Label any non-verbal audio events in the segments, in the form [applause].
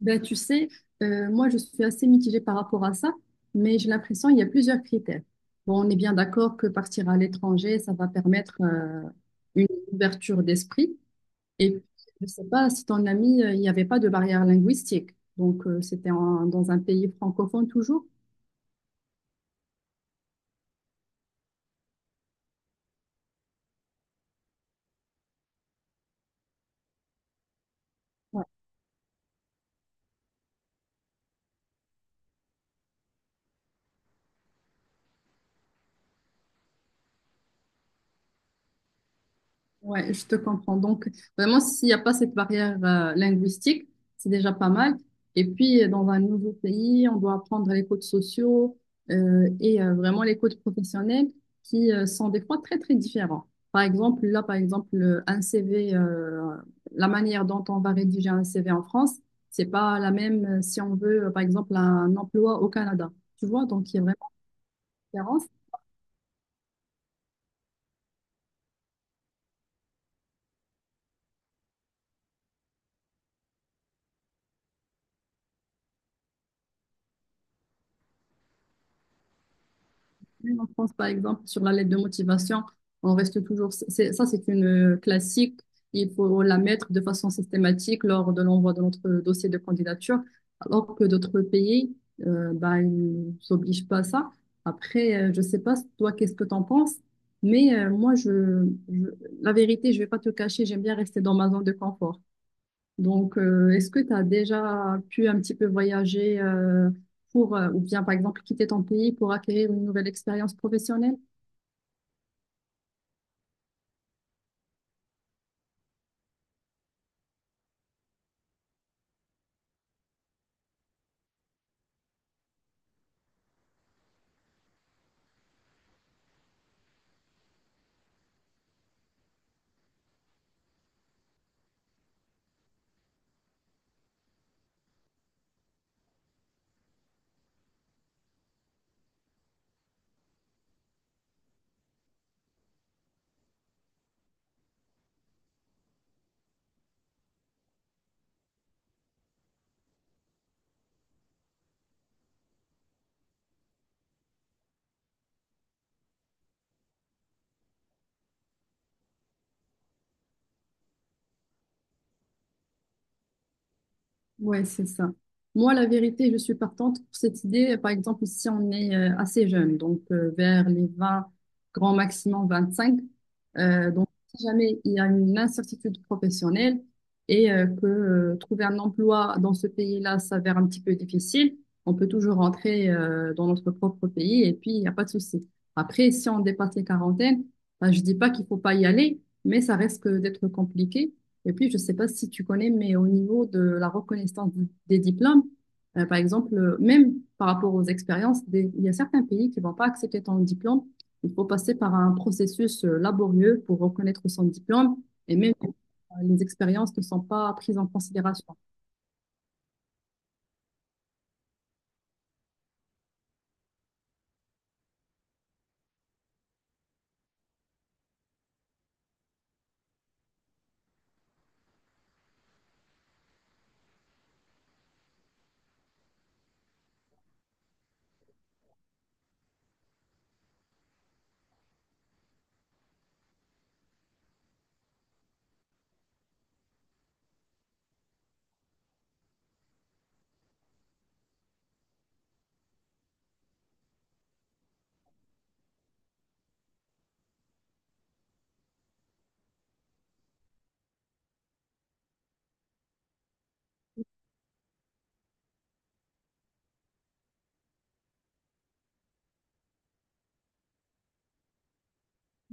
Ben, tu sais, moi, je suis assez mitigée par rapport à ça, mais j'ai l'impression qu'il y a plusieurs critères. Bon, on est bien d'accord que partir à l'étranger, ça va permettre une ouverture d'esprit. Et puis, je ne sais pas si ton ami, il n'y avait pas de barrière linguistique. Donc, c'était dans un pays francophone toujours. Ouais, je te comprends. Donc, vraiment, s'il n'y a pas cette barrière linguistique, c'est déjà pas mal. Et puis, dans un nouveau pays, on doit apprendre les codes sociaux et vraiment les codes professionnels qui sont des fois très, très différents. Par exemple, là, par exemple, un CV, la manière dont on va rédiger un CV en France, c'est pas la même si on veut, par exemple, un emploi au Canada. Tu vois, donc il y a vraiment une différence. En France, par exemple, sur la lettre de motivation, on reste toujours. Ça, c'est une classique. Il faut la mettre de façon systématique lors de l'envoi de notre dossier de candidature, alors que d'autres pays, bah, ils s'obligent pas à ça. Après, je sais pas, toi, qu'est-ce que tu en penses, mais moi, la vérité, je vais pas te cacher, j'aime bien rester dans ma zone de confort. Donc, est-ce que tu as déjà pu un petit peu voyager pour, ou bien par exemple quitter ton pays pour acquérir une nouvelle expérience professionnelle? Ouais, c'est ça. Moi, la vérité, je suis partante pour cette idée. Par exemple, si on est assez jeune, donc vers les 20, grand maximum 25, donc si jamais il y a une incertitude professionnelle et que trouver un emploi dans ce pays-là s'avère un petit peu difficile, on peut toujours rentrer dans notre propre pays et puis il n'y a pas de souci. Après, si on dépasse les quarantaines, ben, je dis pas qu'il faut pas y aller, mais ça risque d'être compliqué. Et puis, je ne sais pas si tu connais, mais au niveau de la reconnaissance des diplômes, par exemple, même par rapport aux expériences, il y a certains pays qui ne vont pas accepter ton diplôme. Il faut passer par un processus laborieux pour reconnaître son diplôme. Et même les expériences ne sont pas prises en considération.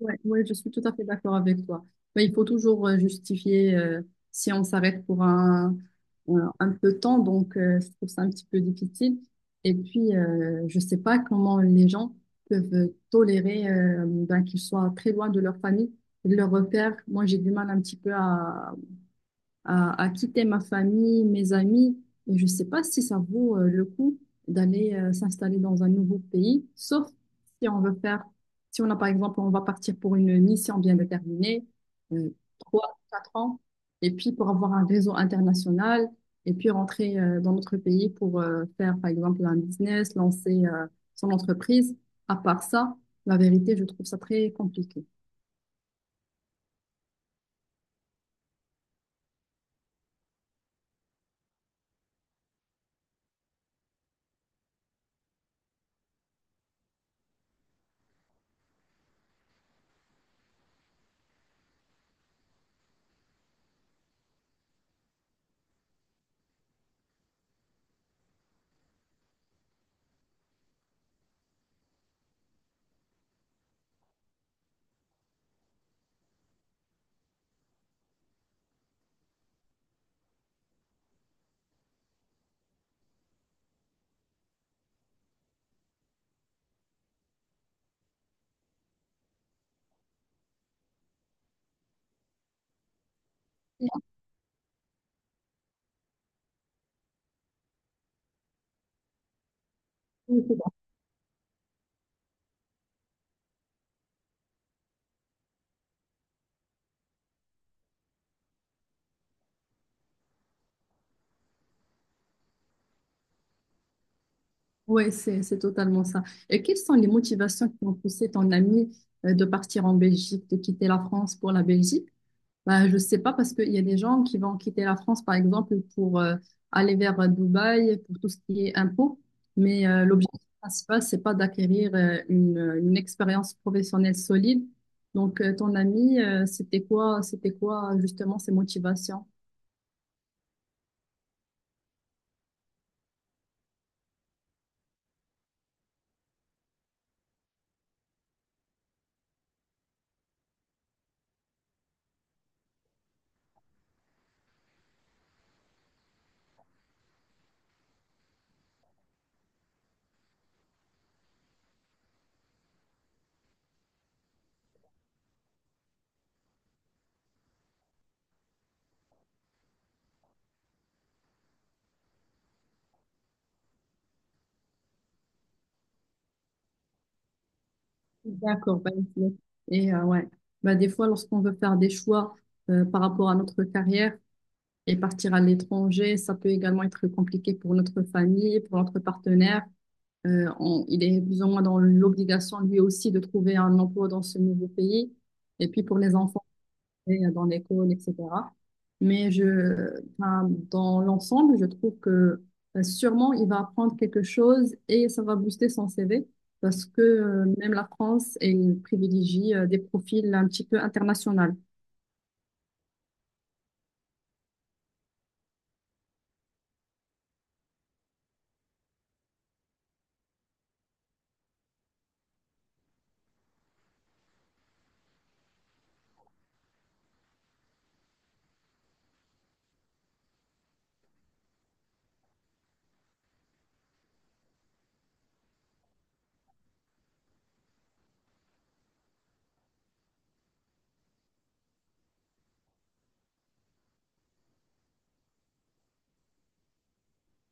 Ouais, ouais, je suis tout à fait d'accord avec toi. Mais il faut toujours justifier si on s'arrête pour un peu de temps, donc je trouve ça un petit peu difficile. Et puis, je sais pas comment les gens peuvent tolérer ben, qu'ils soient très loin de leur famille, de leurs repères. Moi, j'ai du mal un petit peu à quitter ma famille, mes amis. Et je ne sais pas si ça vaut le coup d'aller s'installer dans un nouveau pays, sauf si on veut faire, si on a par exemple, on va partir pour une mission bien déterminée, euh, 3, 4 ans, et puis pour avoir un réseau international, et puis rentrer dans notre pays pour faire par exemple un business, lancer son entreprise. À part ça, la vérité, je trouve ça très compliqué. Oui, c'est totalement ça. Et quelles sont les motivations qui ont poussé ton ami de partir en Belgique, de quitter la France pour la Belgique? Bah, je sais pas parce qu'il y a des gens qui vont quitter la France, par exemple, pour aller vers Dubaï, pour tout ce qui est impôts. Mais l'objectif principal, c'est pas d'acquérir une expérience professionnelle solide. Donc, ton ami, c'était quoi justement ses motivations? D'accord, bah, ok. Et ouais, bah, des fois, lorsqu'on veut faire des choix par rapport à notre carrière et partir à l'étranger, ça peut également être compliqué pour notre famille, pour notre partenaire. Il est plus ou moins dans l'obligation lui aussi de trouver un emploi dans ce nouveau pays. Et puis pour les enfants, et dans l'école, etc. Mais enfin, dans l'ensemble, je trouve que sûrement il va apprendre quelque chose et ça va booster son CV parce que même la France, elle privilégie des profils un petit peu internationaux.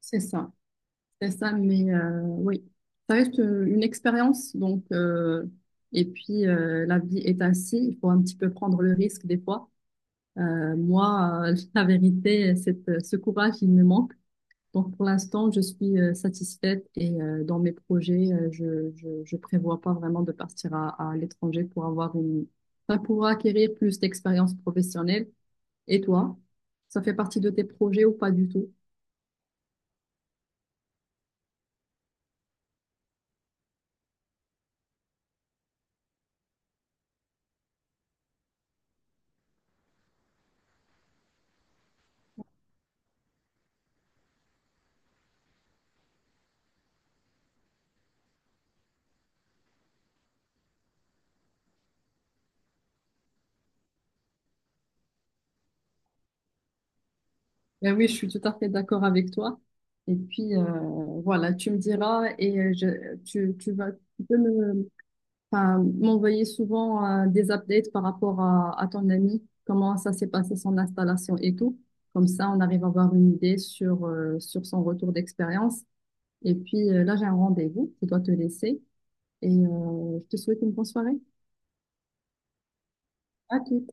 C'est ça, c'est ça, mais oui, ça reste une expérience, donc, et puis la vie est ainsi, il faut un petit peu prendre le risque des fois. Moi, [laughs] la vérité, c'est, ce courage, il me manque. Donc pour l'instant, je suis satisfaite et dans mes projets, je prévois pas vraiment de partir à l'étranger pour avoir enfin, pour acquérir plus d'expérience professionnelle. Et toi, ça fait partie de tes projets ou pas du tout? Ben oui, je suis tout à fait d'accord avec toi. Et puis voilà, tu me diras et tu vas, tu peux me enfin, m'envoyer souvent des updates par rapport à ton ami, comment ça s'est passé son installation et tout. Comme ça, on arrive à avoir une idée sur son retour d'expérience. Et puis là, j'ai un rendez-vous, je dois te laisser et je te souhaite une bonne soirée. À tout.